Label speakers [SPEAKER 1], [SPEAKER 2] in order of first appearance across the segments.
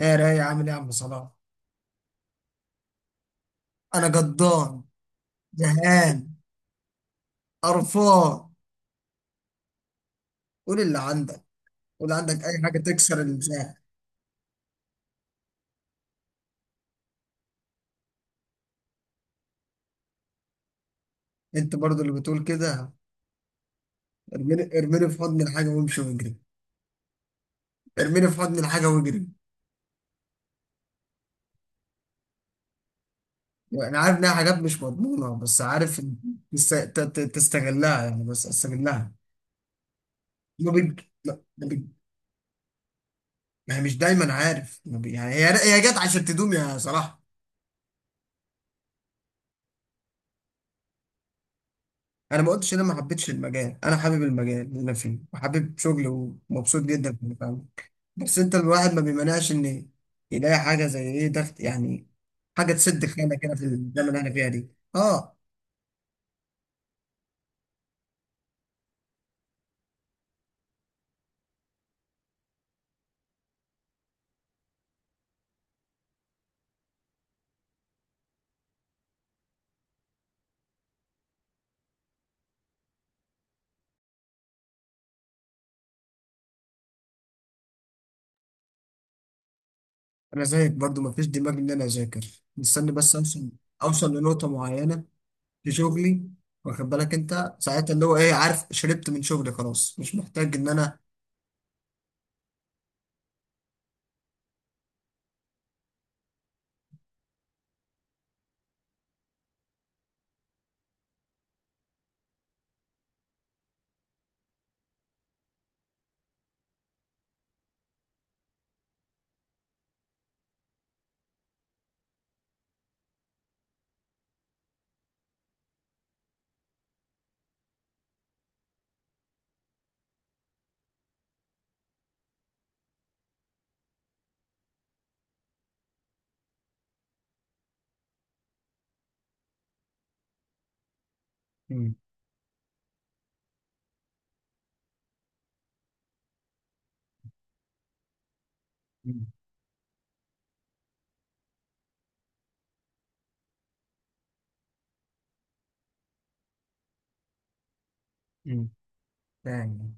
[SPEAKER 1] ايه رايق؟ عامل ايه يا عم صلاح؟ انا جدان، زهقان، قرفان. قول اللي عندك. قول عندك اي حاجه تكسر الزهق. انت برضو اللي بتقول كده؟ ارميني، ارميني في حضن الحاجه وامشي واجري. ارميني في حضن الحاجه واجري. انا عارف انها حاجات مش مضمونه، بس عارف إن تستغلها، يعني بس استغلها. ما بيج... لا، ما هي مش دايما، عارف، ما بي... يعني هي، هي جت عشان تدوم يا صلاح. انا ما قلتش إن انا ما حبيتش المجال، انا حابب المجال اللي انا فيه وحابب شغلي ومبسوط جدا في اللي بعمله. بس انت الواحد ما بيمنعش ان يلاقي حاجه زي ايه ضغط، يعني حاجه تسد خانه كده في الزمن اللي احنا فيها دي. اه، انا زيك برضو ما فيش دماغ ان انا اذاكر، مستني بس اوصل لنقطه معينه في شغلي. واخد بالك انت ساعتها اللي هو ايه؟ عارف، شربت من شغلي، خلاص مش محتاج ان انا. مم. مم. مم. فاهم.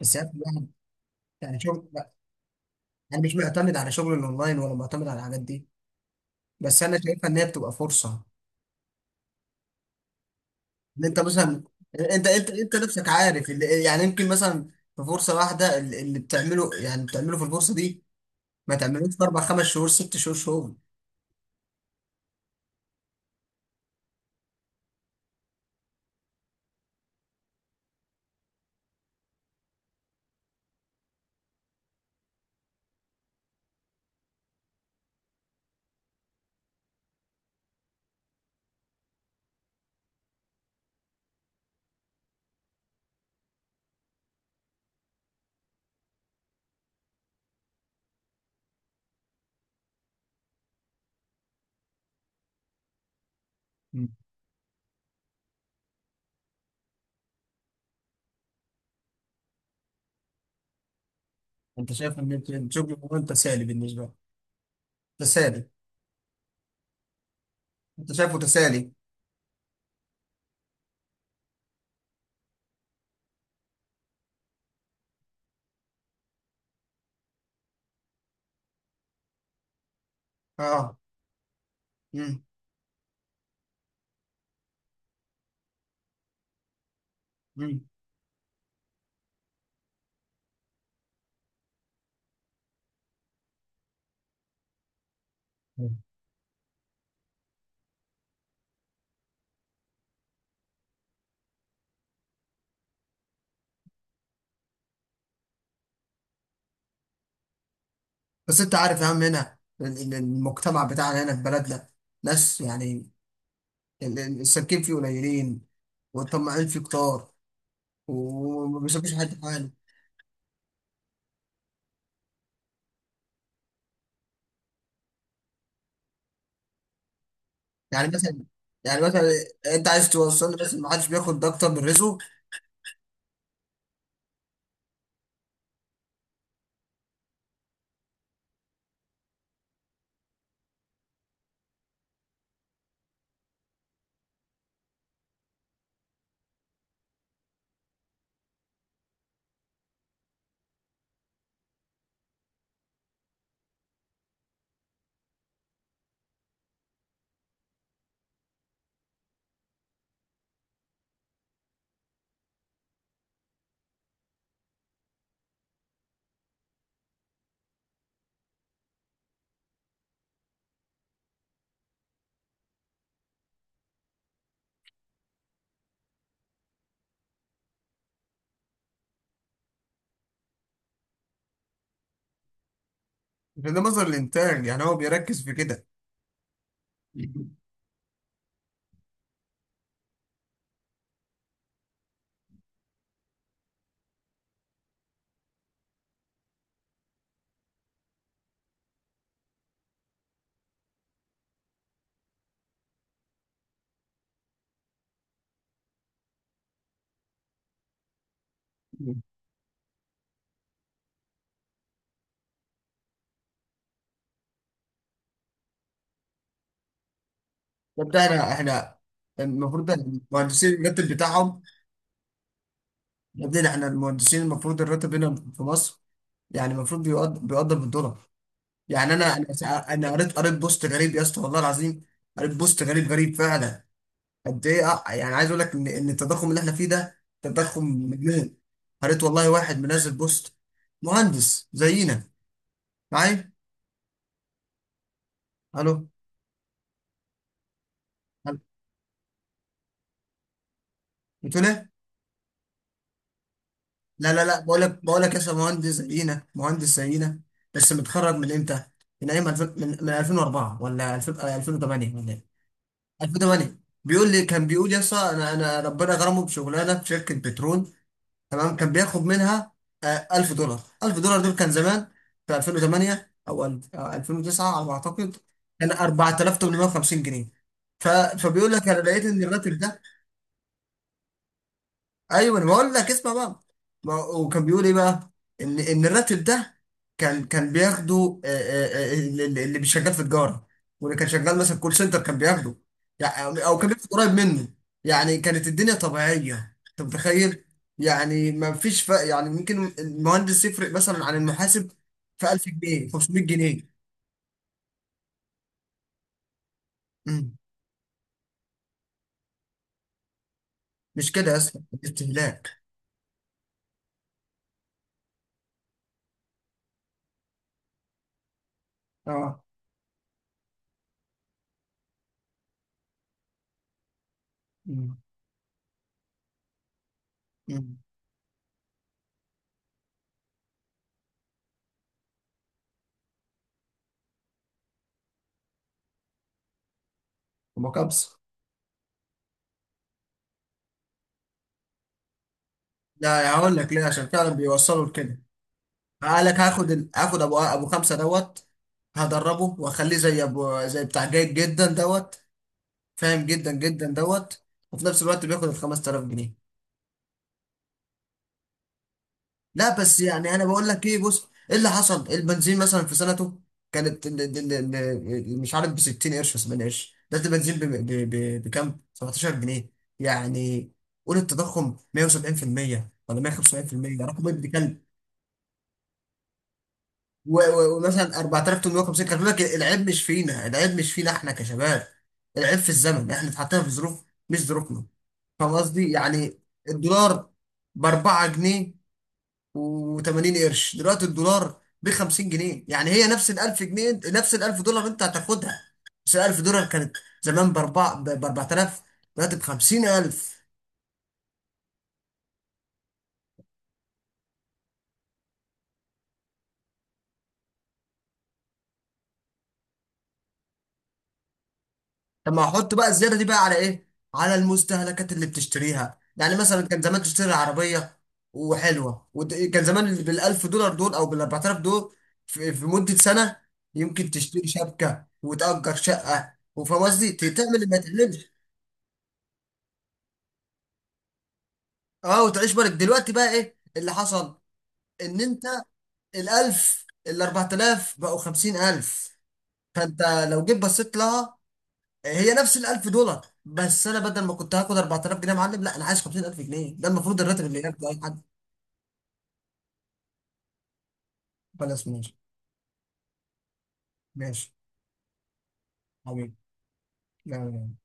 [SPEAKER 1] بس يعني يعني شغل، لا، انا مش معتمد على شغل الاونلاين ولا معتمد على الحاجات دي. بس انا شايفها ان هي بتبقى فرصه. ان انت مثلا، انت نفسك عارف اللي يعني يمكن مثلا في فرصه واحده، اللي بتعمله، يعني بتعمله في الفرصه دي، ما تعملوش في اربع خمس شهور، ست شهور شغل. مم. انت شايف ان انت شغل مهم تسالي بالنسبه لك؟ تسالي؟ انت شايفه تسالي؟ اه. امم. امم. مم. بس انت عارف يا عم، هنا المجتمع بتاعنا هنا في بلدنا، ناس يعني السالكين فيه قليلين، والطماعين فيه كتار، وما بيسيبوش حد حاله. يعني مثلا، يعني مثلا انت عايز توصل لي، بس ما حدش بياخد ده اكتر من رزقه. عشان ده مصدر الانتاج، يعني هو بيركز في كده. طب ده احنا المفروض، ده المهندسين الراتب بتاعهم. يا ابني احنا المهندسين المفروض الراتب هنا في مصر، يعني المفروض بيقدر بالدولار. يعني انا انا قريت بوست غريب يا اسطى، والله العظيم. قريت بوست غريب، غريب فعلا. قد ايه، يعني عايز اقول لك ان التضخم اللي احنا فيه ده تضخم مجنون. قريت والله واحد منزل بوست مهندس زينا، معايا. الو ألو؟ بتقول ايه؟ لا، لا، لا، بقول لك، يا أستاذ مهندس زينا، بس متخرج من امتى؟ من ايام 2000، من 2004 ولا 2000، 2008 ولا إيه؟ 2008، بيقول لي، كان بيقول: يا اسطى، انا ربنا غرمه بشغلانه في شركه بترول. تمام، كان بياخد منها 1000 دولار. 1000 دولار دول كان زمان، في 2008 او 2009 على ما اعتقد. كان 4850 جنيه. فبيقول لك: انا لقيت ان الراتب، ايوه انا بقول لك، اسمع بقى. ما هو- وكان بيقول ايه بقى؟ ان الراتب ده كان بياخده، اللي مش شغال في تجاره، واللي كان شغال مثلا كول سنتر كان بياخده، يعني، او كان بياخد قريب منه. يعني كانت الدنيا طبيعيه، انت متخيل؟ يعني ما فيش فرق، يعني ممكن المهندس يفرق مثلا عن المحاسب في 1000 جنيه، 500 جنيه. مم. مش كده يا اسطى. استهلاك. اه. مم. مم. ومكابس. لا، هقول لك ليه، عشان فعلا بيوصلوا لكده. قال لك: هاخد هاخد ابو، خمسه دوت، هدربه واخليه زي ابو، زي بتاع جيد جدا دوت، فاهم جدا جدا دوت، وفي نفس الوقت بياخد ال 5000 جنيه. لا، بس يعني انا بقول لك ايه؟ بص ايه اللي حصل إيه؟ البنزين مثلا في سنته كانت مش عارف، ب 60 قرش و 70 قرش. ده البنزين بكام؟ 17 جنيه. يعني قول التضخم 170% ولا 175%، رقم ابن كلب. ومثلا 4850، كان بيقول لك: العيب مش فينا، العيب مش فينا، احنا كشباب، العيب في الزمن، احنا اتحطينا في ظروف، مش ظروفنا. فاهم قصدي؟ يعني الدولار ب 4 جنيه و80 قرش، دلوقتي الدولار ب 50 جنيه، يعني هي نفس ال 1000 جنيه، نفس ال 1000 دولار انت هتاخدها. بس ال 1000 دولار كانت زمان ب 4، ب 4000، دلوقتي ب 50000. طب ما احط بقى الزياده دي بقى على ايه؟ على المستهلكات اللي بتشتريها. يعني مثلا كان زمان تشتري عربيه وحلوه، وكان زمان بالألف دولار دول او بالأربعة آلاف دول، في مده سنه، يمكن تشتري شبكه وتأجر شقه، وفاهم قصدي، تعمل اللي ما تعملش. اه، وتعيش. بالك دلوقتي بقى ايه اللي حصل، ان انت الألف الأربعة آلاف بقوا خمسين ألف. فانت لو جيت بصيت لها، هي نفس ال 1000 دولار، بس انا بدل ما كنت هاخد 4000 جنيه يا معلم، لا انا عايز 50000 جنيه. ده المفروض الراتب اللي ياخده اي حد. بلا اسمه، ماشي. ماشي. حبيبي. لا، لا، لا.